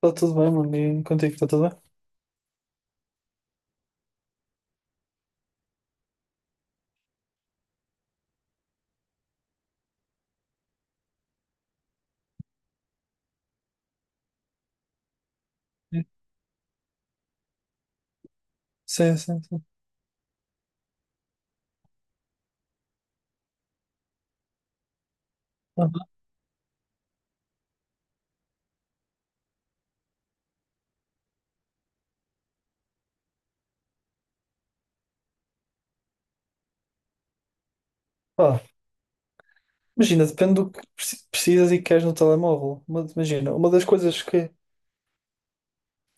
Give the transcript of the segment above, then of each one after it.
Está tudo bem, mano. E contigo, está tudo bem? Sim, sim, sim. Ah, pá, imagina, depende do que precisas e queres no telemóvel. Mas imagina, uma das coisas que, se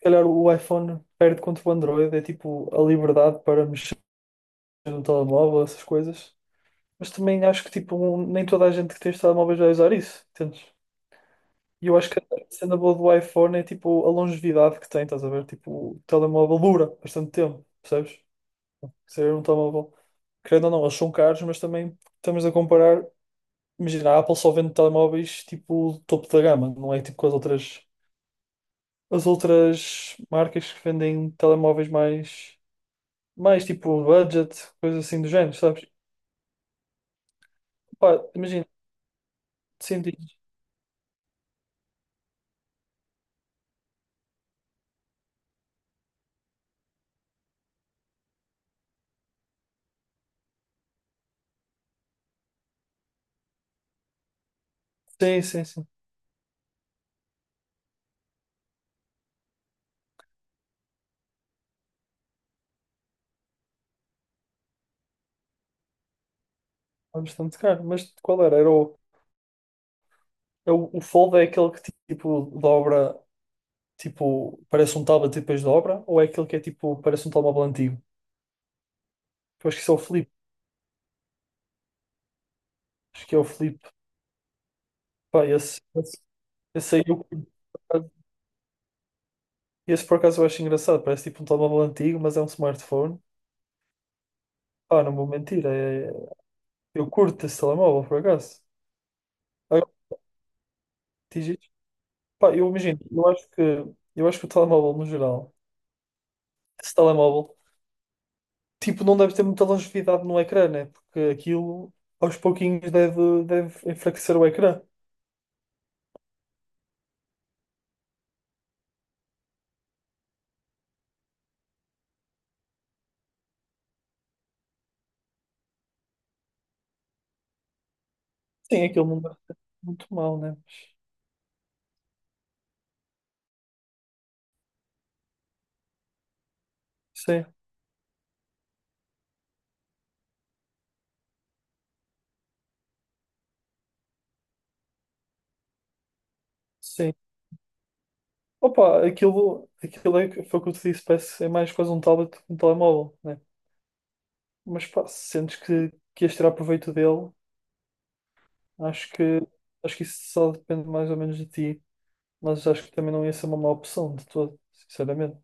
calhar, o iPhone perde contra o Android é tipo a liberdade para mexer no telemóvel, essas coisas. Mas também acho que tipo, nem toda a gente que tem os telemóveis vai usar isso, entendes? E eu acho que a cena boa do iPhone é tipo a longevidade que tem, estás a ver? Tipo, o telemóvel dura bastante tempo, percebes? Ser um telemóvel. Querendo ou não, eles são caros, mas também estamos a comparar. Imagina, a Apple só vende telemóveis tipo topo da gama, não é tipo com as outras marcas que vendem telemóveis mais tipo budget, coisas assim do género, sabes? Pá, imagina, sim, sim, sim, sim, é bastante caro, mas qual era? O Fold é aquele que tipo dobra, tipo, parece um tablet e depois dobra, ou é aquele que é tipo, parece um telemóvel antigo? Eu acho que isso é o Flip, acho que é o Flip, pá, esse aí eu curto. Esse por acaso eu acho engraçado, parece tipo um telemóvel antigo, mas é um smartphone. Pá, não vou mentir, eu curto esse telemóvel por acaso. Agora, diz isto. Pá, eu imagino, eu acho que o telemóvel no geral, esse telemóvel, tipo, não deve ter muita longevidade no ecrã, né? Porque aquilo aos pouquinhos deve enfraquecer o ecrã. Sim, aquilo não deve ser muito mal, né? Sim, sim. Opa, aquilo é, foi o que eu te disse, parece é mais quase um tablet que um telemóvel, né? Mas pá, se sentes que ias tirar proveito dele. Acho que, acho que isso só depende mais ou menos de ti, mas acho que também não ia ser uma má opção de todo, sinceramente.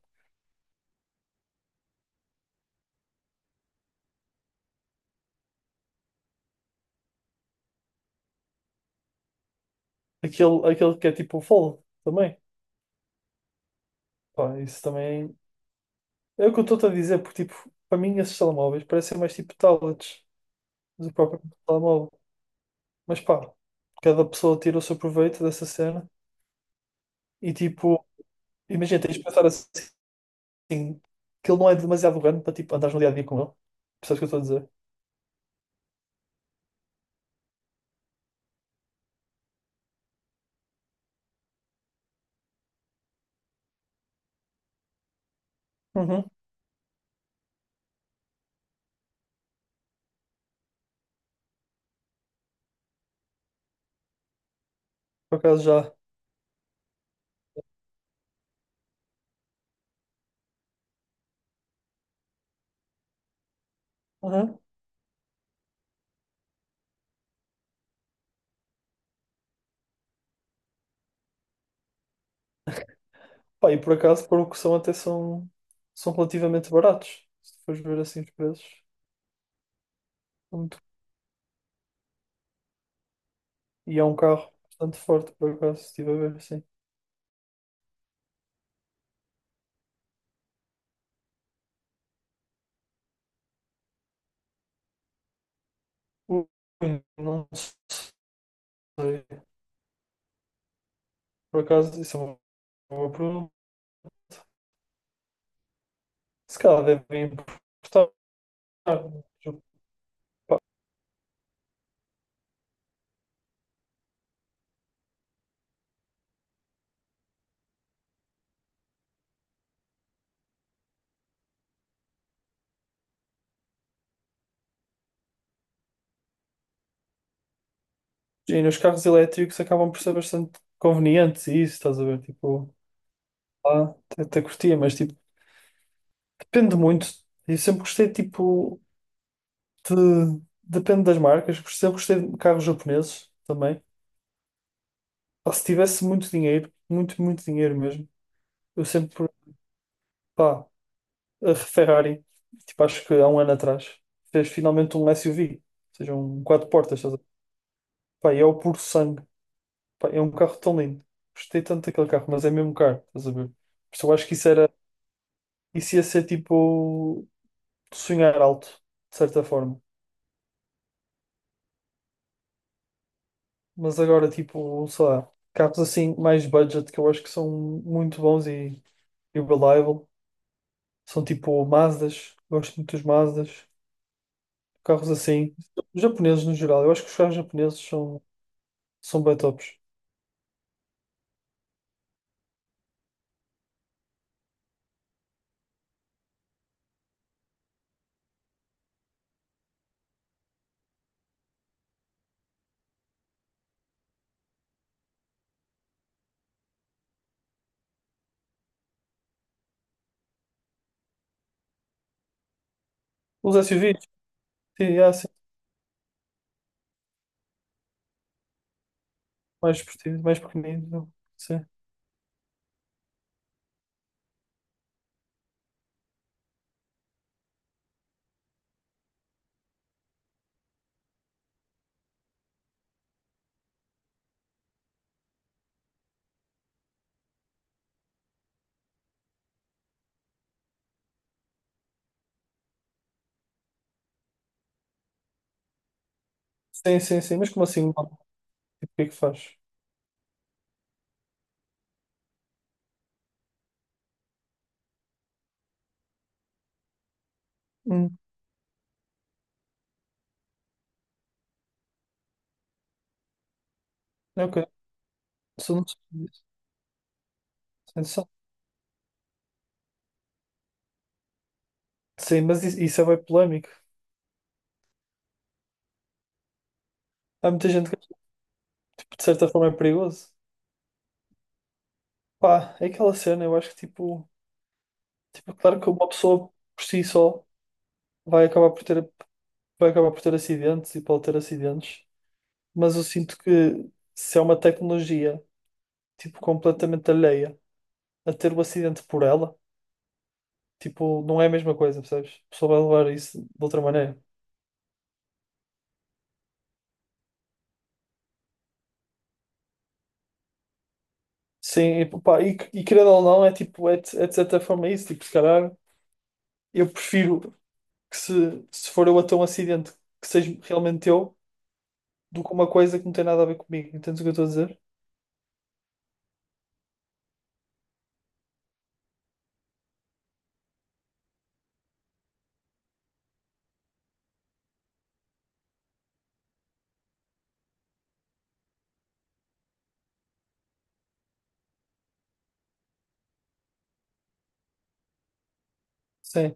Aquele que é tipo o Fold também, pá, isso também é o que eu estou-te a dizer, porque tipo, para mim esses telemóveis parecem mais tipo tablets do próprio telemóvel, mas pá, cada pessoa tira o seu proveito dessa cena e tipo, imagina, tens de pensar assim, que ele não é demasiado grande para tipo andares no dia a dia com ele, percebes o que eu estou a dizer? Uhum, por acaso já. Uhum. Pá, e por acaso, para o que são, até são relativamente baratos. Se tu fores ver assim os preços, são e é um carro bastante forte, por acaso, se estive a ver assim. Ui, não sei. Por acaso, isso é uma boa pergunta. Se calhar devem importar. E nos carros elétricos acabam por ser bastante convenientes, e isso, estás a ver? Tipo, lá até curtia, mas tipo, depende muito. Eu sempre gostei, tipo. Depende das marcas. Eu gostei de carros japoneses também. Pá, se tivesse muito dinheiro, muito, muito dinheiro mesmo, eu sempre, pá, a Ferrari, tipo, acho que há um ano atrás, fez finalmente um SUV, ou seja, um quatro portas. Estás a ver? Pá, e é o puro sangue. Pá, é um carro tão lindo. Gostei tanto daquele carro, mas é mesmo caro, estás a ver? Por isso eu acho que isso ia ser tipo sonhar alto, de certa forma. Mas agora, tipo, sei lá, carros assim, mais budget, que eu acho que são muito bons e o Reliable. São tipo Mazdas, gosto muito dos Mazdas, carros assim. Os japoneses no geral, eu acho que os carros japoneses são bem tops. Os SUVs, sim, há sim, mais esportivos, mais pequeninos. Não sei. Sim, sim, sim, mas como assim? Não? Tipo, o que é que faz? Hum, ok. Isso não sei disso. Atenção. Sim, mas isso é bem polémico. Há muita gente que tipo, de certa forma é perigoso. Pá, é aquela cena, eu acho que tipo, claro que uma pessoa por si só vai acabar por ter, vai acabar por ter acidentes e pode ter acidentes. Mas eu sinto que se é uma tecnologia, tipo, completamente alheia a ter o acidente por ela, tipo, não é a mesma coisa, percebes? A pessoa vai levar isso de outra maneira. Sim, e, pá, e querendo ou não, é tipo, é de certa forma isso, tipo, se calhar eu prefiro que se for eu a ter um acidente que seja realmente eu, do que uma coisa que não tem nada a ver comigo, entendes o que eu estou a dizer? Sim,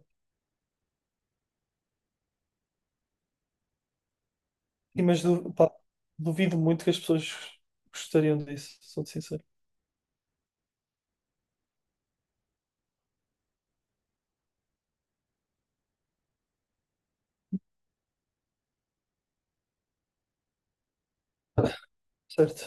e mas pá, duvido muito que as pessoas gostariam disso, sou sincero, certo?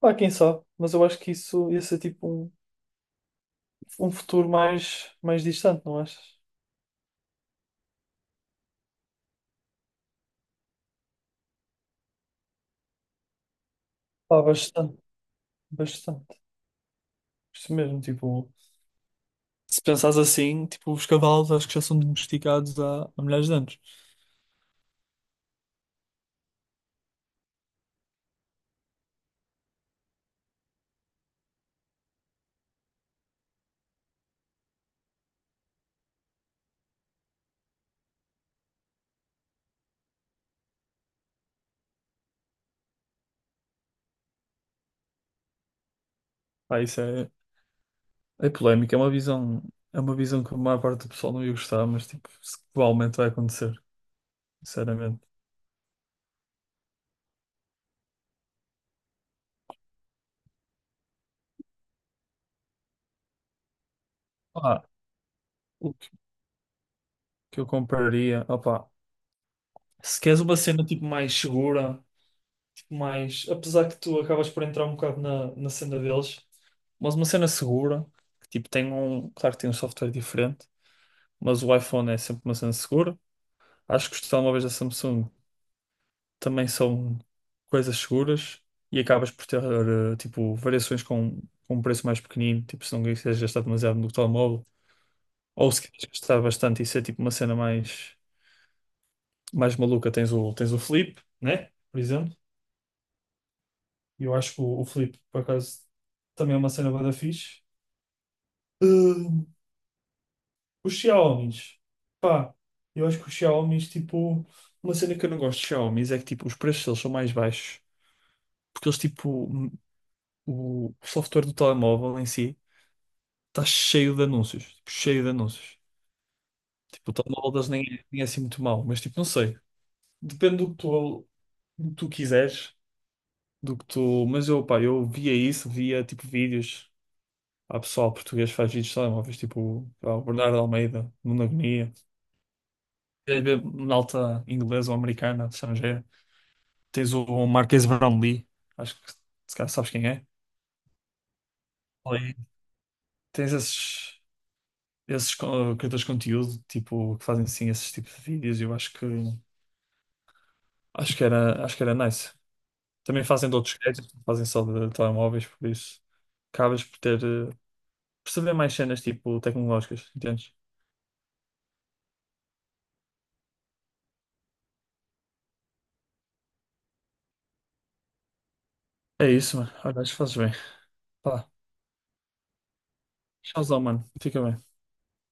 Pá, quem sabe, mas eu acho que isso ia ser tipo um futuro mais distante, não achas? Pá, bastante, bastante. Isto mesmo, tipo, se pensares assim, tipo, os cavalos acho que já são domesticados há milhares de anos. Pá, isso é polémico, é uma visão que a maior parte do pessoal não ia gostar, mas tipo, provavelmente vai acontecer, sinceramente. Pá, o que que eu compraria, opá, se queres uma cena tipo mais segura. Mas apesar que tu acabas por entrar um bocado na cena deles, mas uma cena segura, que tipo claro que tem um software diferente, mas o iPhone é sempre uma cena segura. Acho que os telemóveis da Samsung também são coisas seguras e acabas por ter tipo variações com um preço mais pequenino, tipo se não quiseres gastar demasiado no telemóvel, ou se queres gastar bastante e ser tipo uma cena mais maluca, tens o Flip, né? Por exemplo. E eu acho que o Flip, por acaso, também é uma cena bué da fixe. Ahn, os Xiaomis. Pá, eu acho que os Xiaomis, tipo, uma cena que eu não gosto de Xiaomis é que, tipo, os preços deles são mais baixos. Porque eles, tipo, o software do telemóvel em si está cheio de anúncios. Tipo, cheio de anúncios. Tipo, o telemóvel deles nem é assim muito mau, mas, tipo, não sei. Depende do que tu quiseres, do que tu. Mas eu, pá, eu via isso, via, tipo, vídeos. Há pessoal português que faz vídeos de telemóveis, tipo, pá, o Bernardo Almeida, Nuno Agonia. Queres ver malta inglesa ou americana, estrangeira? Tens o Marques Brownlee, acho que se calhar sabes quem é. Ali Tens esses criadores de conteúdo, tipo, que fazem sim esses tipos de vídeos, eu acho que era nice. Também fazem de outros gadgets, não fazem só de telemóveis, por isso acabas por ter, por saber mais cenas tipo tecnológicas, entendes? É isso, mano. Olha, acho que fazes bem. Pá, tchauzão, mano. Fica bem.